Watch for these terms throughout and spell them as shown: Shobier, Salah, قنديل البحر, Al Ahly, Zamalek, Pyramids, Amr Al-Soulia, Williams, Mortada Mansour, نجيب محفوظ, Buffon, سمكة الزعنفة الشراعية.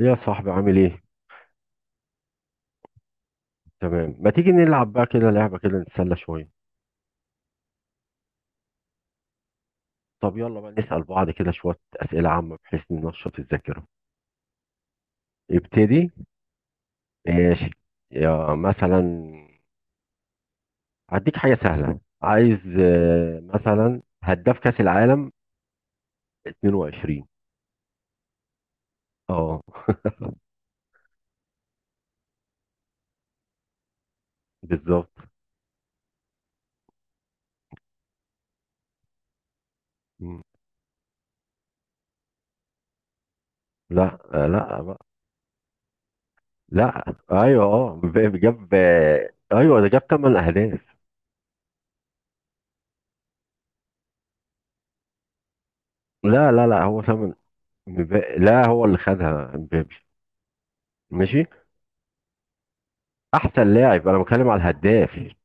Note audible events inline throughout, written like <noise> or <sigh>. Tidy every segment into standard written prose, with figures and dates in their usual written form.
يا صاحبي، عامل ايه؟ تمام. ما تيجي نلعب بقى كده لعبة كده، نتسلى شوية؟ طب يلا بقى نسأل بعض كده شوية أسئلة عامة، بحيث ننشط الذاكرة. ابتدي. ماشي. يا مثلا هديك حاجة سهلة، عايز مثلا هداف كأس العالم 22. اه، بالظبط. مم. لا، لا بقى. لا، ايوه، اه، مبابي جاب، ايوه ده جاب 8 اهداف. لا لا لا، هو 8. لا، هو اللي خدها مبابي. ماشي. احسن لاعب، انا بتكلم على الهداف يعني.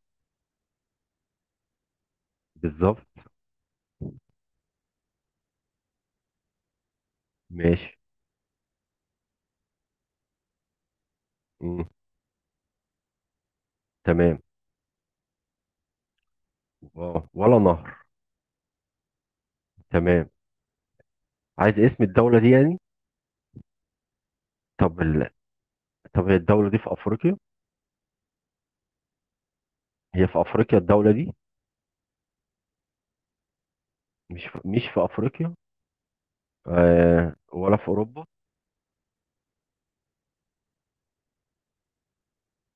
بالظبط. ماشي. مم. تمام. واو. ولا نهر. تمام. عايز اسم الدولة دي يعني. طب ال... طب هي الدولة دي في افريقيا؟ هي في افريقيا الدولة دي؟ مش في افريقيا. ولا في اوروبا؟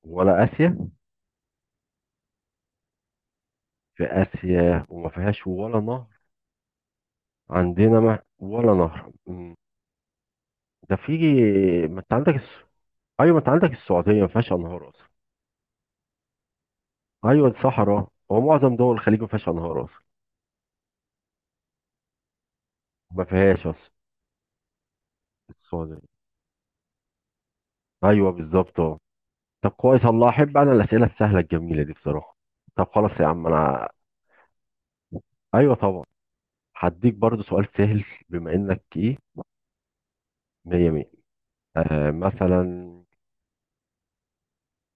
ولا اسيا؟ في اسيا وما فيهاش ولا نهر؟ عندنا ما... ولا نهر. مم. ده في... ما انت عندك ايوه، ما انت عندك السعودية ما فيهاش انهار اصلا. ايوه الصحراء، هو معظم دول الخليج ما فيهاش انهار اصلا. ما فيهاش اصلا. السعودية. ايوه بالظبط، اه. طب كويس، الله احب انا الاسئله السهله الجميله دي بصراحه. طب خلاص يا عم، انا... ايوه طبعا. هديك برضو سؤال سهل، بما انك ايه. مية مية. مثلا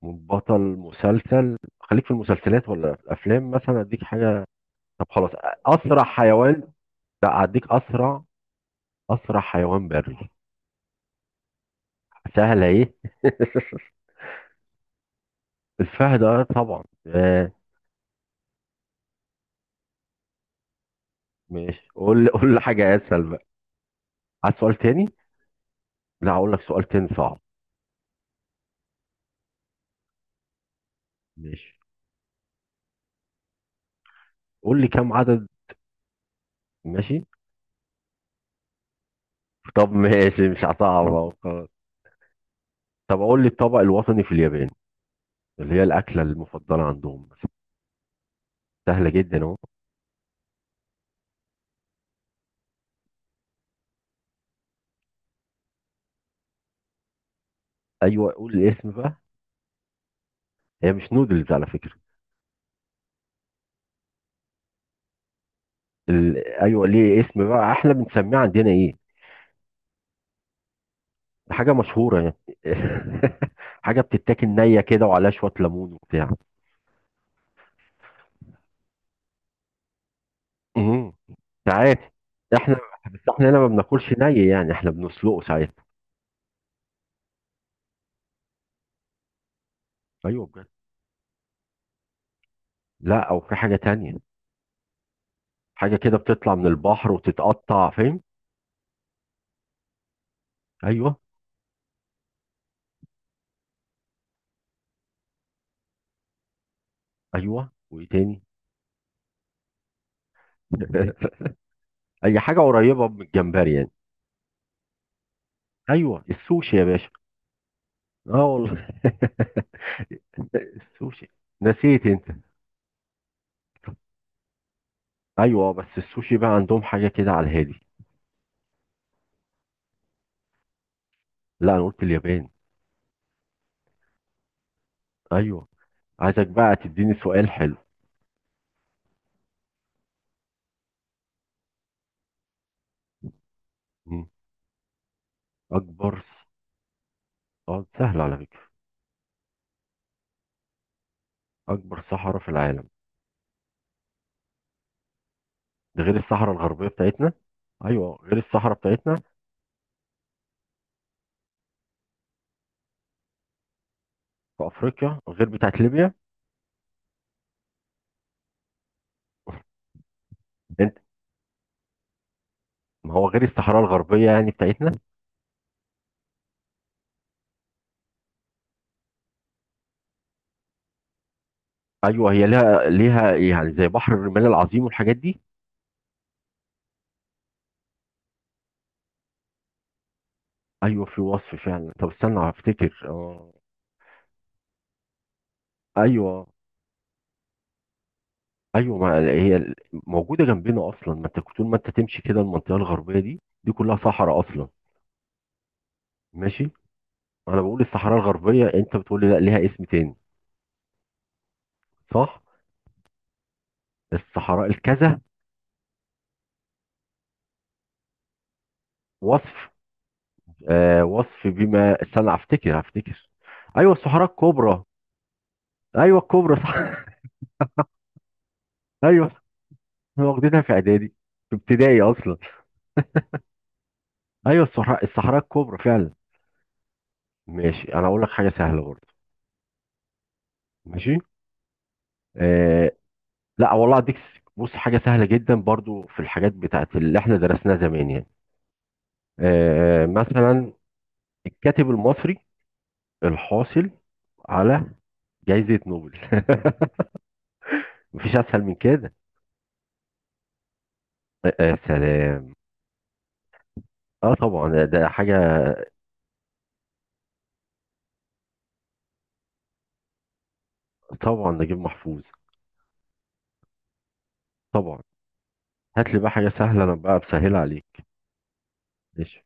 بطل مسلسل، خليك في المسلسلات ولا في الافلام، مثلا اديك حاجه. طب خلاص. اسرع حيوان. لا هديك اسرع، اسرع حيوان بري. سهله ايه. الفهد، اه طبعا، آه. ماشي. قول لي قول لي حاجه اسهل بقى. عايز سؤال تاني. لا، هقول لك سؤال تاني صعب. ماشي. قول لي كم عدد. ماشي. طب ماشي، مش هصعب اهو خلاص. طب اقول لي الطبق الوطني في اليابان، اللي هي الاكله المفضله عندهم مثلا. سهله جدا اهو. ايوه قول الاسم بقى. هي مش نودلز على فكره. ايوه، ليه اسم بقى، احنا بنسميه عندنا ايه. حاجه مشهوره يعني. <laughs> حاجه بتتاكل نيه كده وعليها شويه ليمون وبتاع. امم ساعات احنا، بس احنا هنا ما بناكلش ني، يعني احنا بنسلقه ساعات. ايوه بجد. لا، او في حاجه تانية. حاجه كده بتطلع من البحر وتتقطع، فاهم. ايوه. ايوه، وايه تاني؟ <laughs> اي حاجه قريبه من الجمبري يعني. ايوه السوشي يا باشا. اه والله. <laughs> السوشي. نسيت انت. ايوه، بس السوشي بقى عندهم حاجه كده على الهادي. لا، انا قلت اليابان. ايوه. عايزك بقى تديني سؤال حلو. مم. اكبر. اه، سهل على فكره. اكبر صحراء في العالم، ده غير الصحراء الغربيه بتاعتنا. ايوه غير الصحراء بتاعتنا، في افريقيا غير بتاعت ليبيا. انت... ما هو غير الصحراء الغربيه يعني بتاعتنا. ايوه، هي ليها يعني زي بحر الرمال العظيم والحاجات دي. ايوه في وصف فعلا، طب استنى هفتكر، اه. ايوه. ايوه، ما هي موجوده جنبنا اصلا، ما انت طول ما انت تمشي كده المنطقه الغربيه دي كلها صحراء اصلا. ماشي. انا بقول الصحراء الغربيه، انت بتقول لي لا، ليها اسم تاني. صح. الصحراء الكذا. وصف. وصف بما استنى هفتكر هفتكر. ايوه الصحراء الكبرى. ايوه الكبرى، صح. <laughs> ايوه احنا واخدينها في اعدادي، في ابتدائي اصلا. ايوه الصحراء الكبرى فعلا. ماشي، انا اقول لك حاجه سهله برضه. ماشي. آه لا والله اديك بص حاجه سهله جدا برضه، في الحاجات بتاعت اللي احنا درسناها زمان يعني. مثلا الكاتب المصري الحاصل على جائزه نوبل. <laughs> مفيش اسهل من كده. آه آه، سلام. اه طبعا، ده حاجه. طبعا، نجيب محفوظ. طبعا. هات لي بقى حاجه سهله، انا بقى بسهلها عليك. ماشي.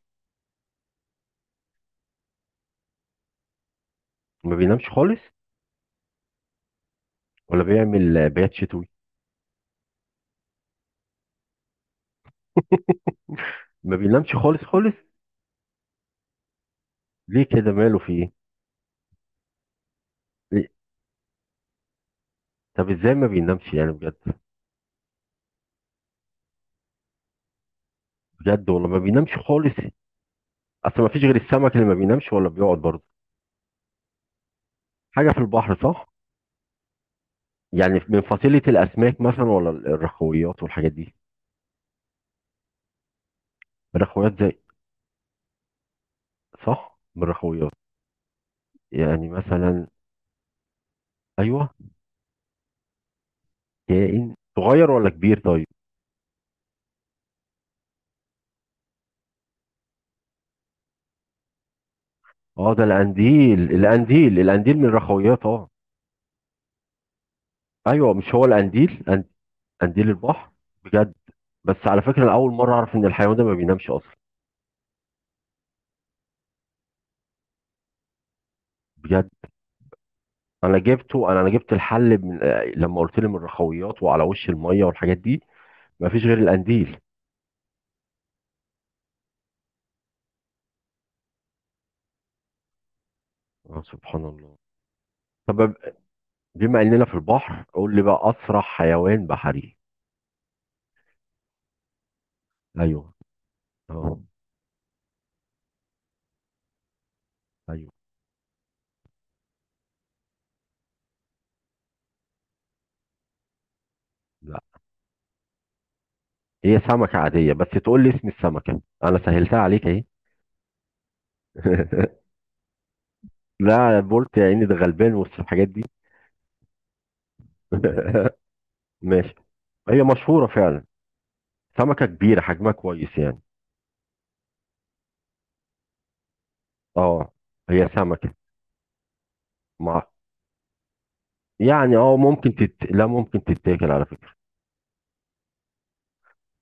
ما بينامش خالص، ولا بيعمل بيات شتوي. ما بينامش خالص خالص. ليه كده، ماله في ايه؟ إيه؟ طب ازاي ما بينامش يعني بجد. بجد والله، ما بينامش خالص. اصل ما فيش غير السمك اللي ما بينامش ولا بيقعد برضه. حاجه في البحر، صح. يعني من فصيله الاسماك مثلا، ولا الرخويات والحاجات دي. الرخويات زي... صح، من الرخويات. يعني مثلا. ايوه. كائن صغير ولا كبير طيب. اه، ده القنديل، القنديل القنديل من الرخويات، اه. ايوه، مش هو القنديل، قنديل البحر. بجد. بس على فكره انا اول مره اعرف ان الحيوان ده ما بينامش اصلا. بجد. انا جبته، انا جبت الحل من لما قلت لي من الرخويات وعلى وش الميه والحاجات دي. ما فيش غير القنديل. آه سبحان الله. طب بما اننا في البحر، قول لي بقى اسرع حيوان بحري. ايوه. اه. ايوه. لا، هي سمكه عاديه، بس تقول لي اسم السمكه، انا سهلتها عليك اهي. <laughs> لا بولت يا عيني، ده غلبان وسط الحاجات دي. <laughs> ماشي. هي مشهوره فعلا، سمكه كبيره حجمها كويس يعني. اه، هي سمكه. مع... يعني اه ممكن لا، ممكن تتاكل على فكره.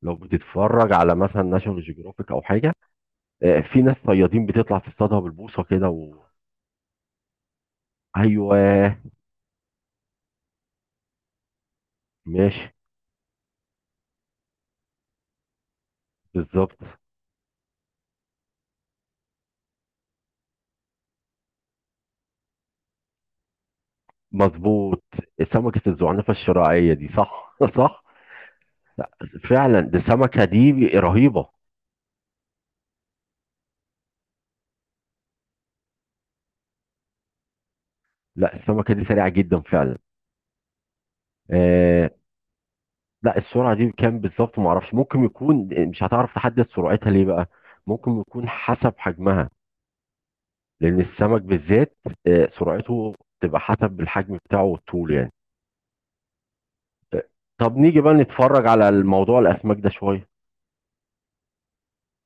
لو بتتفرج على مثلا ناشونال جيوغرافيك او حاجه، في ناس صيادين بتطلع تصطادها بالبوصه كده و... ايوه. ماشي. بالظبط. مظبوط. سمكه الزعنفه الشراعيه دي، صح. <laughs> صح. فعلا، دي السمكه دي رهيبه. لا، السمكه دي سريعه جدا فعلا. آه لا، السرعه دي كام بالظبط ما اعرفش. ممكن يكون مش هتعرف تحدد سرعتها، ليه بقى. ممكن يكون حسب حجمها، لان السمك بالذات سرعته تبقى حسب الحجم بتاعه والطول يعني. طب نيجي بقى نتفرج على الموضوع الاسماك ده شويه.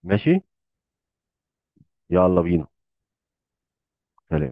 ماشي يلا بينا. سلام.